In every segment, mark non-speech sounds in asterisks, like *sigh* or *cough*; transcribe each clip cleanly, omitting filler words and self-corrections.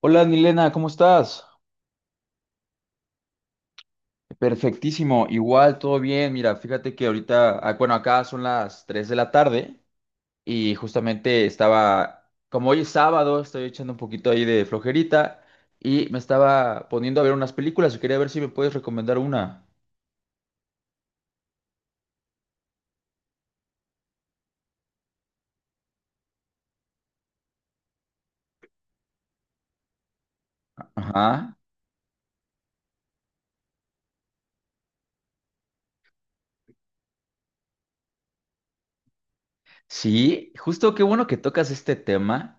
Hola, Nilena, ¿cómo estás? Perfectísimo, igual, todo bien. Mira, fíjate que ahorita, acá son las 3 de la tarde y justamente estaba, como hoy es sábado, estoy echando un poquito ahí de flojerita y me estaba poniendo a ver unas películas y quería ver si me puedes recomendar una. Ajá. Sí, justo qué bueno que tocas este tema.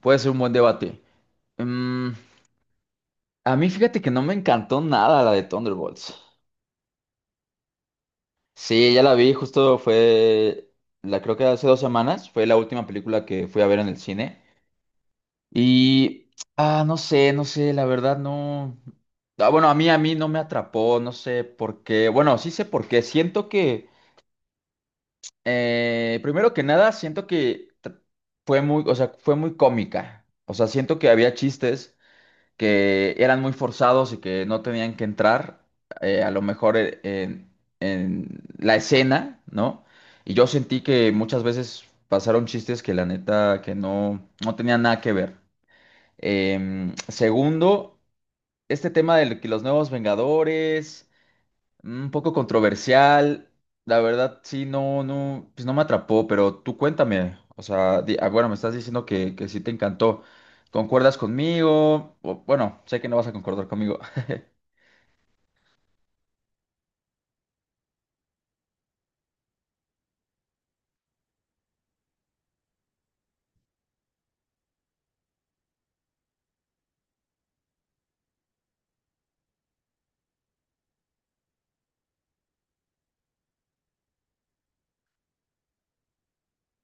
Puede ser un buen debate. Mm, a mí fíjate que no me encantó nada la de Thunderbolts. Sí, ya la vi, justo la creo que hace 2 semanas, fue la última película que fui a ver en el cine. Y, ah, no sé, la verdad no. Ah, bueno, a mí no me atrapó, no sé por qué. Bueno, sí sé por qué. Siento que primero que nada, siento que fue muy, o sea, fue muy cómica. O sea, siento que había chistes que eran muy forzados y que no tenían que entrar, a lo mejor en la escena, ¿no? Y yo sentí que muchas veces pasaron chistes que la neta que no tenían nada que ver. Segundo, este tema de que los nuevos Vengadores. Un poco controversial, la verdad sí, pues no me atrapó, pero tú cuéntame, o sea, me estás diciendo que sí te encantó, ¿concuerdas conmigo? O, bueno, sé que no vas a concordar conmigo. *laughs*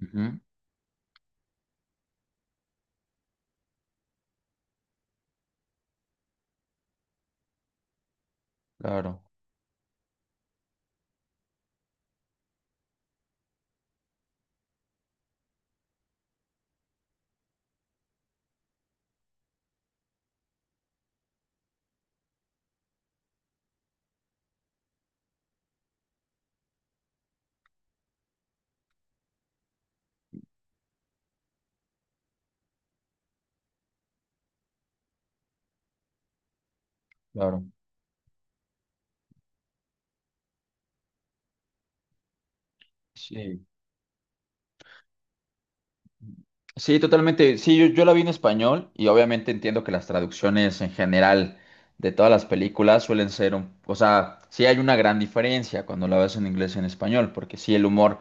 Ujú. Claro, claro. Sí. Sí, totalmente. Sí, yo la vi en español y obviamente entiendo que las traducciones en general de todas las películas suelen ser un... O sea, sí hay una gran diferencia cuando la ves en inglés y en español, porque sí el humor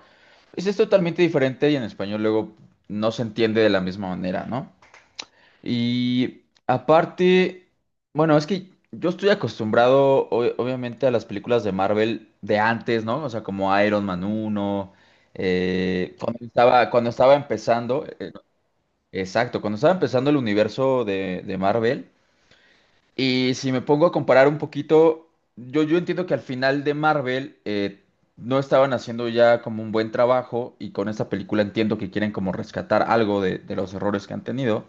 pues, es totalmente diferente y en español luego no se entiende de la misma manera, ¿no? Y aparte, bueno, es que yo estoy acostumbrado obviamente a las películas de Marvel de antes, ¿no? O sea, como Iron Man uno. Cuando estaba empezando. Exacto, cuando estaba empezando el universo de Marvel, y si me pongo a comparar un poquito, yo entiendo que al final de Marvel no estaban haciendo ya como un buen trabajo, y con esta película entiendo que quieren como rescatar algo de los errores que han tenido,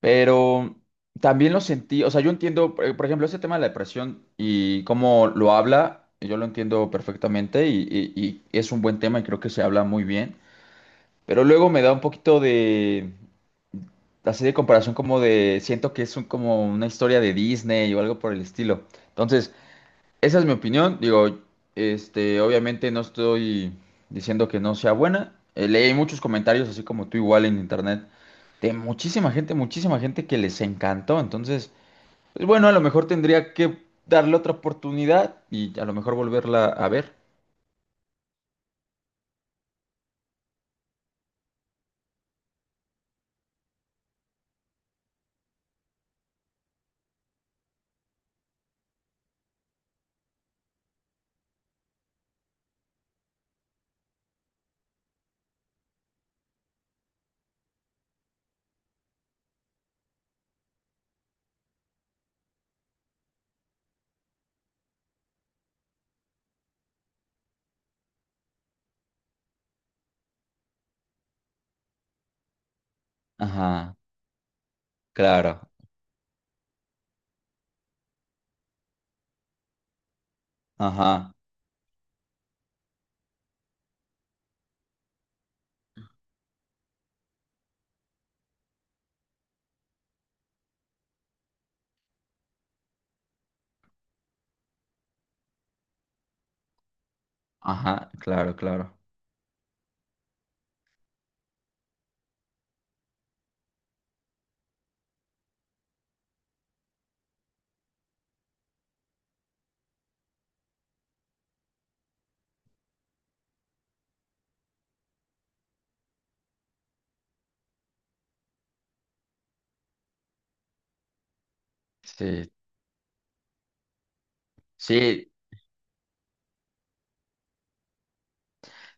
pero también lo sentí, o sea, yo entiendo, por ejemplo, ese tema de la depresión y cómo lo habla, yo lo entiendo perfectamente y es un buen tema y creo que se habla muy bien, pero luego me da un poquito de así de comparación como de, siento que es como una historia de Disney o algo por el estilo. Entonces, esa es mi opinión. Digo, obviamente no estoy diciendo que no sea buena. Leí muchos comentarios, así como tú igual en internet, de muchísima gente que les encantó. Entonces, pues bueno, a lo mejor tendría que darle otra oportunidad y a lo mejor volverla a ver. Ajá, claro. Ajá, ajá, claro, claro. Sí, sí.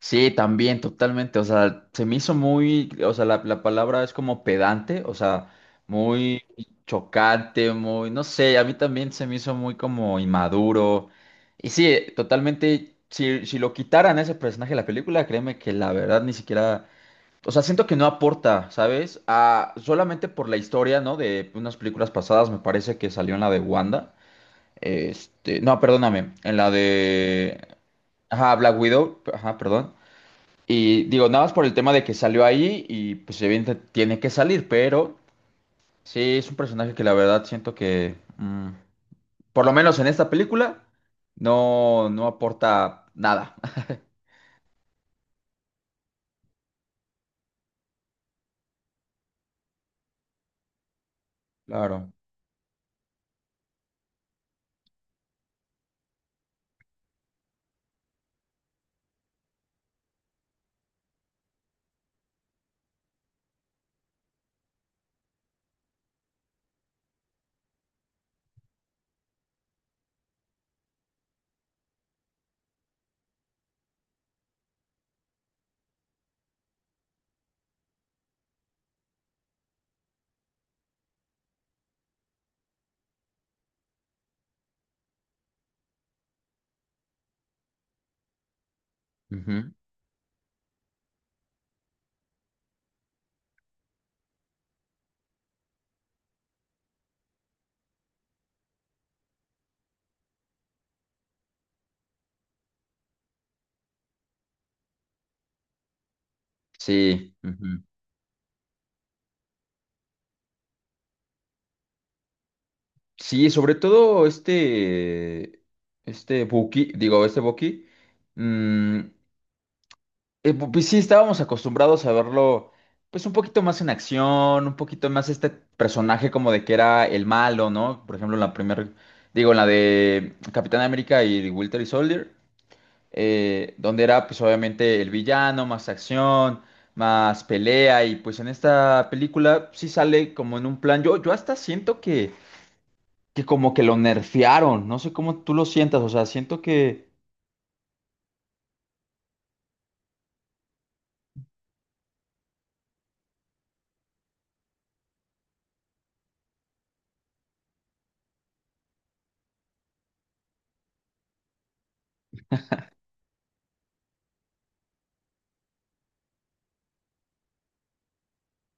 Sí, también, totalmente. O sea, se me hizo muy, o sea, la palabra es como pedante, o sea, muy chocante, muy, no sé, a mí también se me hizo muy como inmaduro. Y sí, totalmente, si lo quitaran a ese personaje de la película, créeme que la verdad ni siquiera, o sea, siento que no aporta, ¿sabes? A, solamente por la historia, ¿no? De unas películas pasadas, me parece que salió en la de Wanda. Este, no, perdóname, en la de... Ajá, Black Widow, ajá, perdón. Y digo, nada más por el tema de que salió ahí y pues evidentemente tiene que salir, pero sí es un personaje que la verdad siento que, por lo menos en esta película, no aporta nada. *laughs* Claro. Ujú. Sí. Ujú. Sí, sobre todo este Buki, digo, este Buki, mm. Pues sí, estábamos acostumbrados a verlo, pues un poquito más en acción, un poquito más este personaje como de que era el malo, ¿no? Por ejemplo, en la primera, digo, en la de Capitán América y Winter Soldier, donde era pues obviamente el villano, más acción, más pelea, y pues en esta película sí sale como en un plan, yo hasta siento que como que lo nerfearon, no sé cómo tú lo sientas, o sea, siento que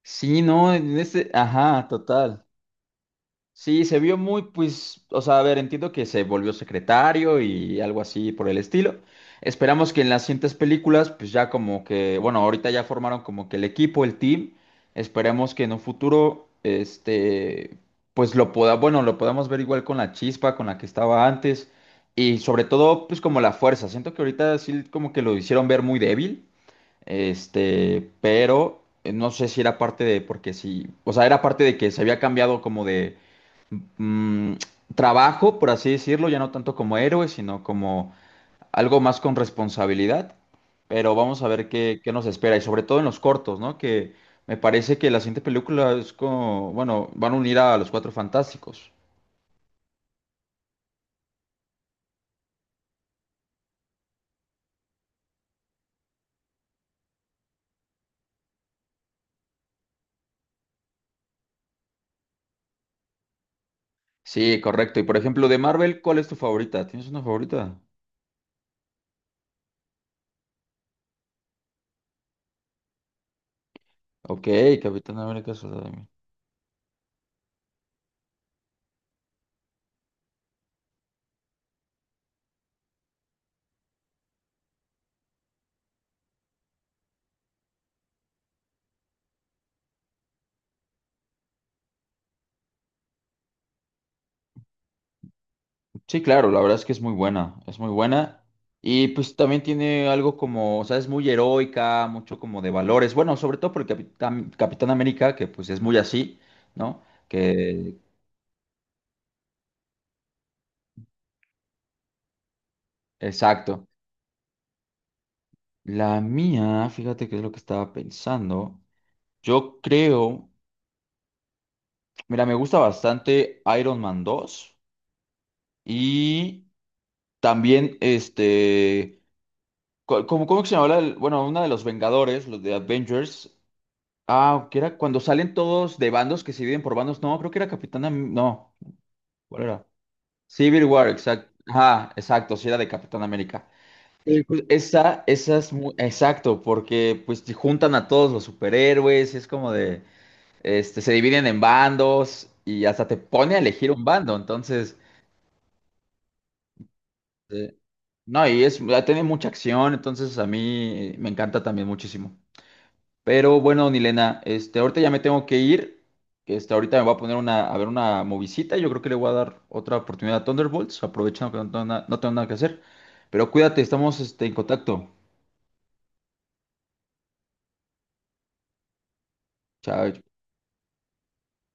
sí, ¿no? En ese, ajá, total. Sí, se vio muy, pues, o sea, a ver, entiendo que se volvió secretario y algo así por el estilo. Esperamos que en las siguientes películas, pues ya como que, bueno, ahorita ya formaron como que el equipo, el team. Esperemos que en un futuro, pues lo pueda, bueno, lo podamos ver igual con la chispa con la que estaba antes y sobre todo, pues como la fuerza. Siento que ahorita sí como que lo hicieron ver muy débil, pero no sé si era parte de, porque sí, o sea, era parte de que se había cambiado como de mm, trabajo, por así decirlo, ya no tanto como héroe, sino como algo más con responsabilidad. Pero vamos a ver qué nos espera, y sobre todo en los cortos, ¿no? Que me parece que la siguiente película es como, bueno, van a unir a los Cuatro Fantásticos. Sí, correcto. Y por ejemplo, de Marvel, ¿cuál es tu favorita? ¿Tienes una favorita? Ok. Capitán América. Sí, claro, la verdad es que es muy buena, es muy buena. Y pues también tiene algo como, o sea, es muy heroica, mucho como de valores. Bueno, sobre todo por el Capitán, Capitán América, que pues es muy así, ¿no? Que, exacto. La mía, fíjate qué es lo que estaba pensando. Yo creo, mira, me gusta bastante Iron Man 2 y también como, ¿cómo que se llama? La bueno, una de los Vengadores, los de Avengers. Ah, que era cuando salen todos de bandos que se dividen por bandos. No, creo que era no, ¿cuál era? Civil War, exacto. Ajá, exacto, sí era de Capitán América. Sí, pues esa es muy, exacto, porque pues te juntan a todos los superhéroes, y es como de, se dividen en bandos y hasta te pone a elegir un bando, entonces, eh, no, y es, ah, tiene mucha acción, entonces a mí me encanta también muchísimo. Pero bueno, Nilena, ahorita ya me tengo que ir. Ahorita me voy a poner una, a ver una movisita. Yo creo que le voy a dar otra oportunidad a Thunderbolts, aprovechando que no tengo, no tengo nada que hacer. Pero cuídate, estamos en contacto. Chao.